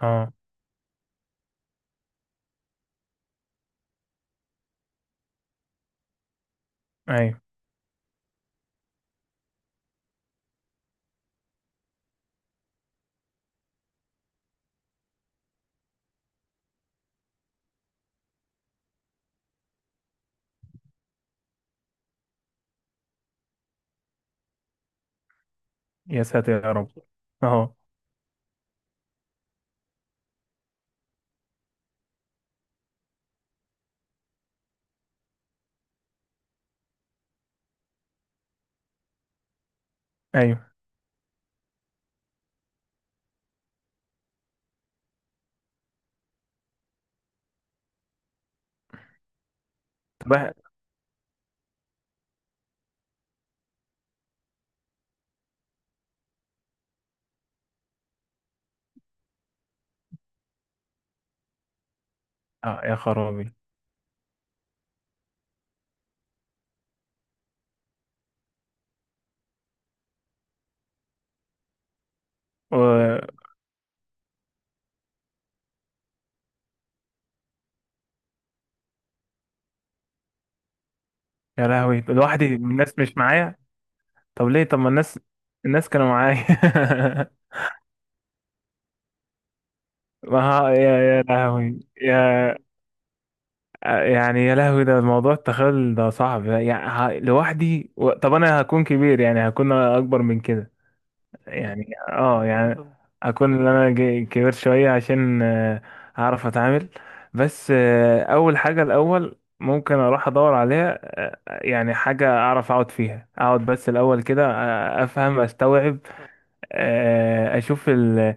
اه. ايوه. يا ساتر يا رب. اهو. ايوه. طب يا خرابي، و... يا لهوي، لوحدي، الناس مش معايا. طب ليه؟ طب ما الناس، الناس كانوا معايا. ما ها- يا لهوي يا. يعني يا لهوي، ده الموضوع التخيل ده صعب، يعني لوحدي طب انا هكون كبير، يعني هكون اكبر من كده. يعني اه يعني اكون ان انا كبير شويه عشان اعرف اتعامل. بس اول حاجه الاول ممكن اروح ادور عليها، يعني حاجه اعرف اقعد فيها، اقعد بس الاول كده افهم استوعب، اشوف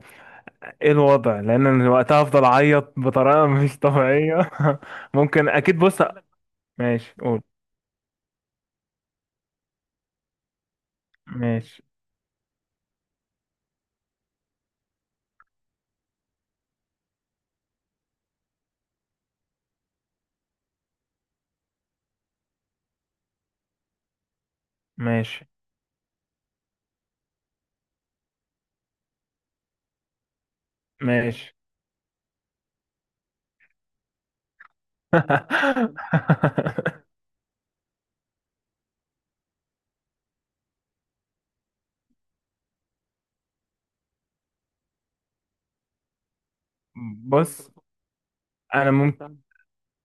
ايه الوضع، لان أنا وقتها افضل اعيط بطريقه مش طبيعيه. ممكن اكيد، بص. ماشي، قول. ماشي. ماشي ماشي. بص انا ممكن،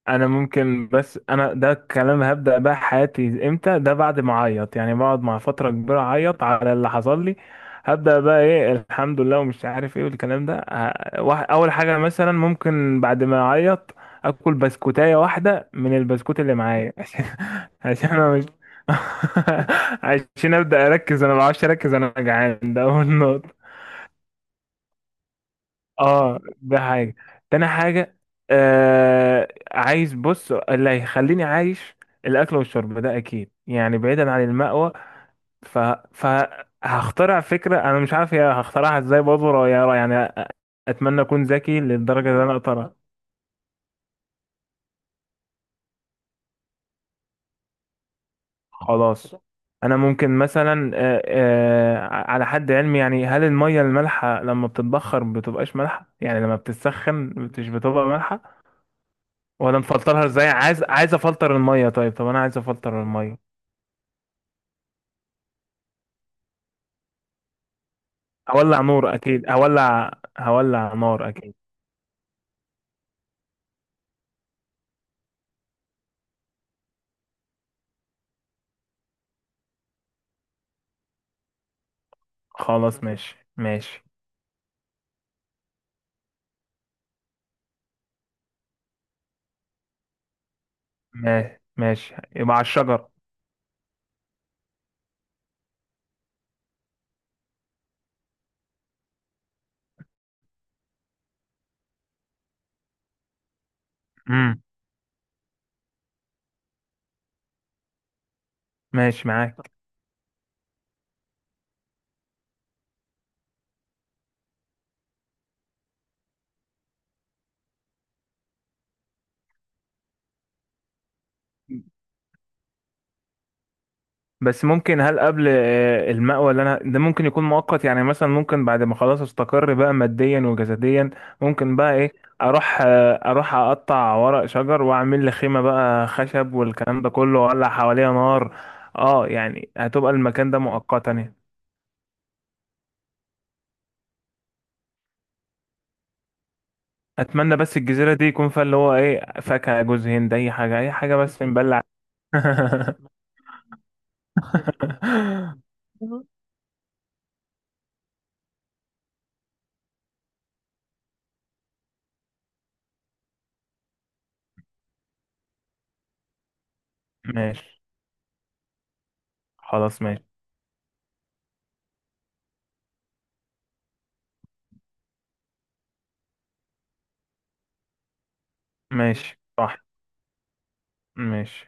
انا ممكن، بس انا ده الكلام هبدأ بقى حياتي امتى؟ ده بعد ما اعيط، يعني بقعد مع فترة كبيرة اعيط على اللي حصل لي. هبدأ بقى ايه الحمد لله ومش عارف ايه والكلام ده اول حاجة مثلا ممكن بعد ما اعيط اكل بسكوتاية واحدة من البسكوت اللي معايا، عشان، عشان انا مش، عشان ابدأ اركز، انا ما بعرفش اركز، انا جعان، ده اول نقطة. اه ده حاجة. تاني حاجة، آه عايز بص اللي هيخليني عايش الأكل والشرب ده أكيد، يعني بعيدا عن المأوى. ف... فهخترع فكرة، أنا مش عارف هي هخترعها إزاي برضه يعني أتمنى أكون ذكي للدرجة اللي أنا أقدر. خلاص، أنا ممكن مثلا آه على حد علمي، يعني هل المية المالحة لما بتتبخر بتبقاش مالحة؟ يعني لما بتتسخن مش بتبقى مالحة؟ ولا نفلترها ازاي؟ عايز، عايز افلتر الميه، طيب، طب انا عايز افلتر الميه. هولع نور اكيد هولع، هولع نار اكيد. خلاص ماشي. ماشي ماشي. ماشي يبقى على الشجر. امم. ماشي معاك. بس ممكن، هل قبل المأوى اللي انا ده ممكن يكون مؤقت؟ يعني مثلا ممكن بعد ما خلاص استقر بقى ماديا وجسديا، ممكن بقى ايه، اروح اروح اقطع ورق شجر واعمل لي خيمة بقى، خشب والكلام ده كله، واولع حواليها نار. اه يعني هتبقى المكان ده مؤقتا يعني. اتمنى بس الجزيره دي يكون فيها اللي هو ايه، فاكهه، جوز هند، اي حاجه، اي حاجه بس نبلع. ماشي. خلاص ماشي. ماشي صح. ماشي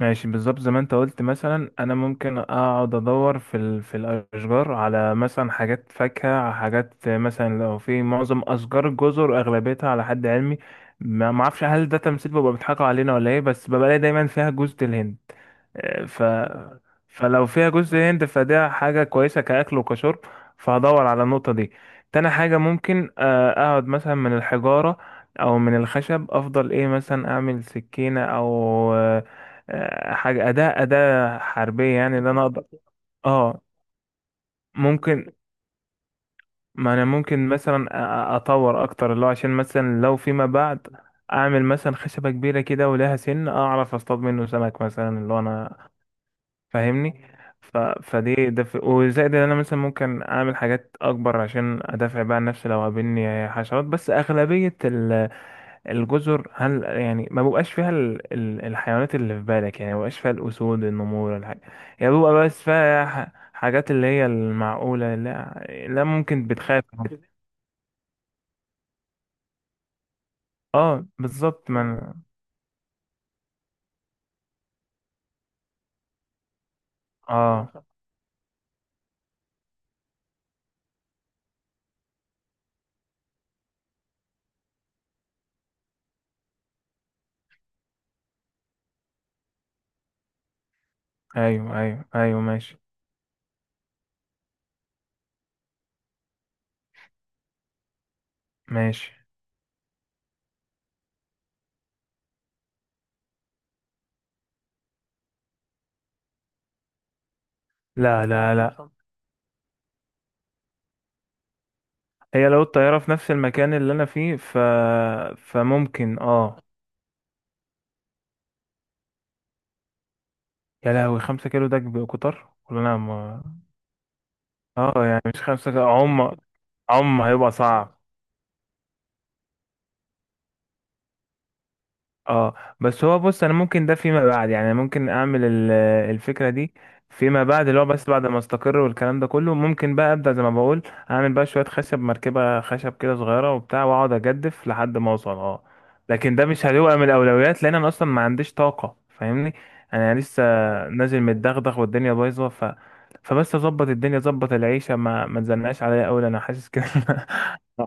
ماشي. بالظبط زي ما انت قلت، مثلا انا ممكن اقعد ادور في في الاشجار على مثلا حاجات فاكهه، على حاجات مثلا لو في معظم اشجار الجزر اغلبيتها على حد علمي. ما اعرفش هل ده تمثيل بيبقى بيضحكوا علينا ولا ايه، بس ببقى الاقي دايما فيها جوز الهند آه، ف فلو فيها جزء هند فده حاجة كويسة كأكل وكشرب. فهدور على النقطة دي. تاني حاجة ممكن أقعد مثلا من الحجارة أو من الخشب أفضل، إيه مثلا أعمل سكينة أو آه، حاجة أداة، أداة حربية يعني اللي أنا أقدر. اه ممكن، ما انا ممكن مثلا اطور اكتر اللي هو، عشان مثلا لو فيما بعد اعمل مثلا خشبة كبيرة كده ولها سن اعرف اصطاد منه سمك مثلا، اللي هو انا فاهمني. فدي ده وزائد ان انا مثلا ممكن اعمل حاجات اكبر عشان ادافع بقى عن نفسي لو قابلني حشرات. بس اغلبية الجزر، هل يعني ما بيبقاش فيها الحيوانات اللي في بالك؟ يعني ما بيبقاش فيها الأسود النمور الحاجة؟ يعني بيبقى بس فيها حاجات اللي هي المعقولة. لا، لا ممكن، بتخاف. اه بالظبط، ما أنا... اه ايوه ايوه ايوه ماشي. ماشي. لا لا لا. هي لو الطيارة في نفس المكان اللي انا فيه فممكن، اه. يا لهوي، 5 كيلو ده كتر ولا انا ما... اه يعني مش 5 كيلو عم، عم هيبقى صعب. اه بس هو، بص انا ممكن ده فيما بعد، يعني ممكن اعمل الفكره دي فيما بعد، اللي هو بس بعد ما استقر والكلام ده كله، ممكن بقى ابدا زي ما بقول اعمل بقى شويه خشب، مركبه خشب كده صغيره وبتاع، واقعد اجدف لحد ما اوصل اه. لكن ده مش هيبقى من الاولويات لان انا اصلا ما عنديش طاقه، فاهمني، انا لسه نازل متدغدغ والدنيا بايظه. فبس اظبط الدنيا، اظبط العيشه، ما تزنقش عليا قوي، انا حاسس كده.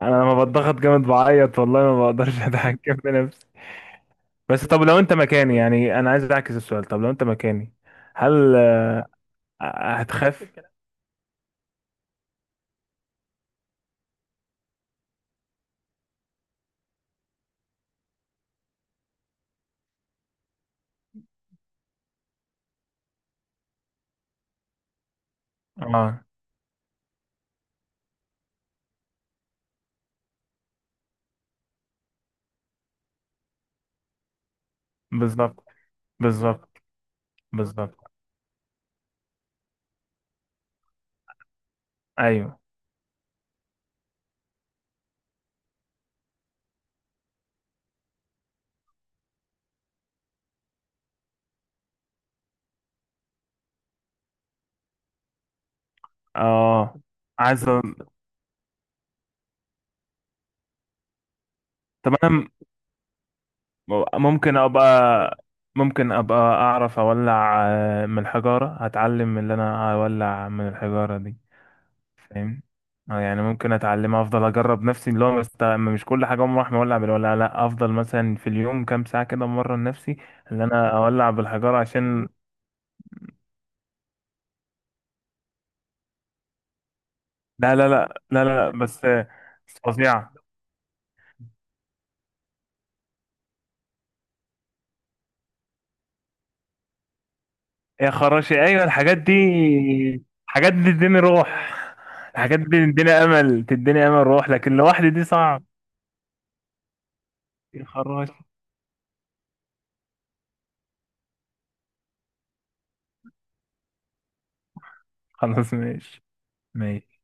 انا لما بتضغط جامد بعيط والله ما بقدرش اتحكم في نفسي. بس طب لو انت مكاني، يعني انا عايز اعكس السؤال، طب لو انت مكاني هل هتخاف؟ اه بالظبط. بالظبط. بالظبط. ايوه. اه عايز طب انا ممكن ابقى، ممكن ابقى اعرف اولع من الحجارة، هتعلم اللي انا اولع من الحجارة دي، فاهم. اه يعني ممكن اتعلم، افضل اجرب نفسي، اللي هو مش كل حاجة اقوم راح مولع بالولع، لا افضل مثلا في اليوم كام ساعة كده مرة لنفسي اللي انا اولع بالحجارة، عشان لا لا لا لا لا لا، بس. بس فظيعة. يا خراشي أيوة الحاجات دي، حاجات دي تديني روح، الحاجات دي تديني أمل، تديني أمل، روح، لكن لوحدي دي صعب. يا خراشي. خلاص ماشي ماشي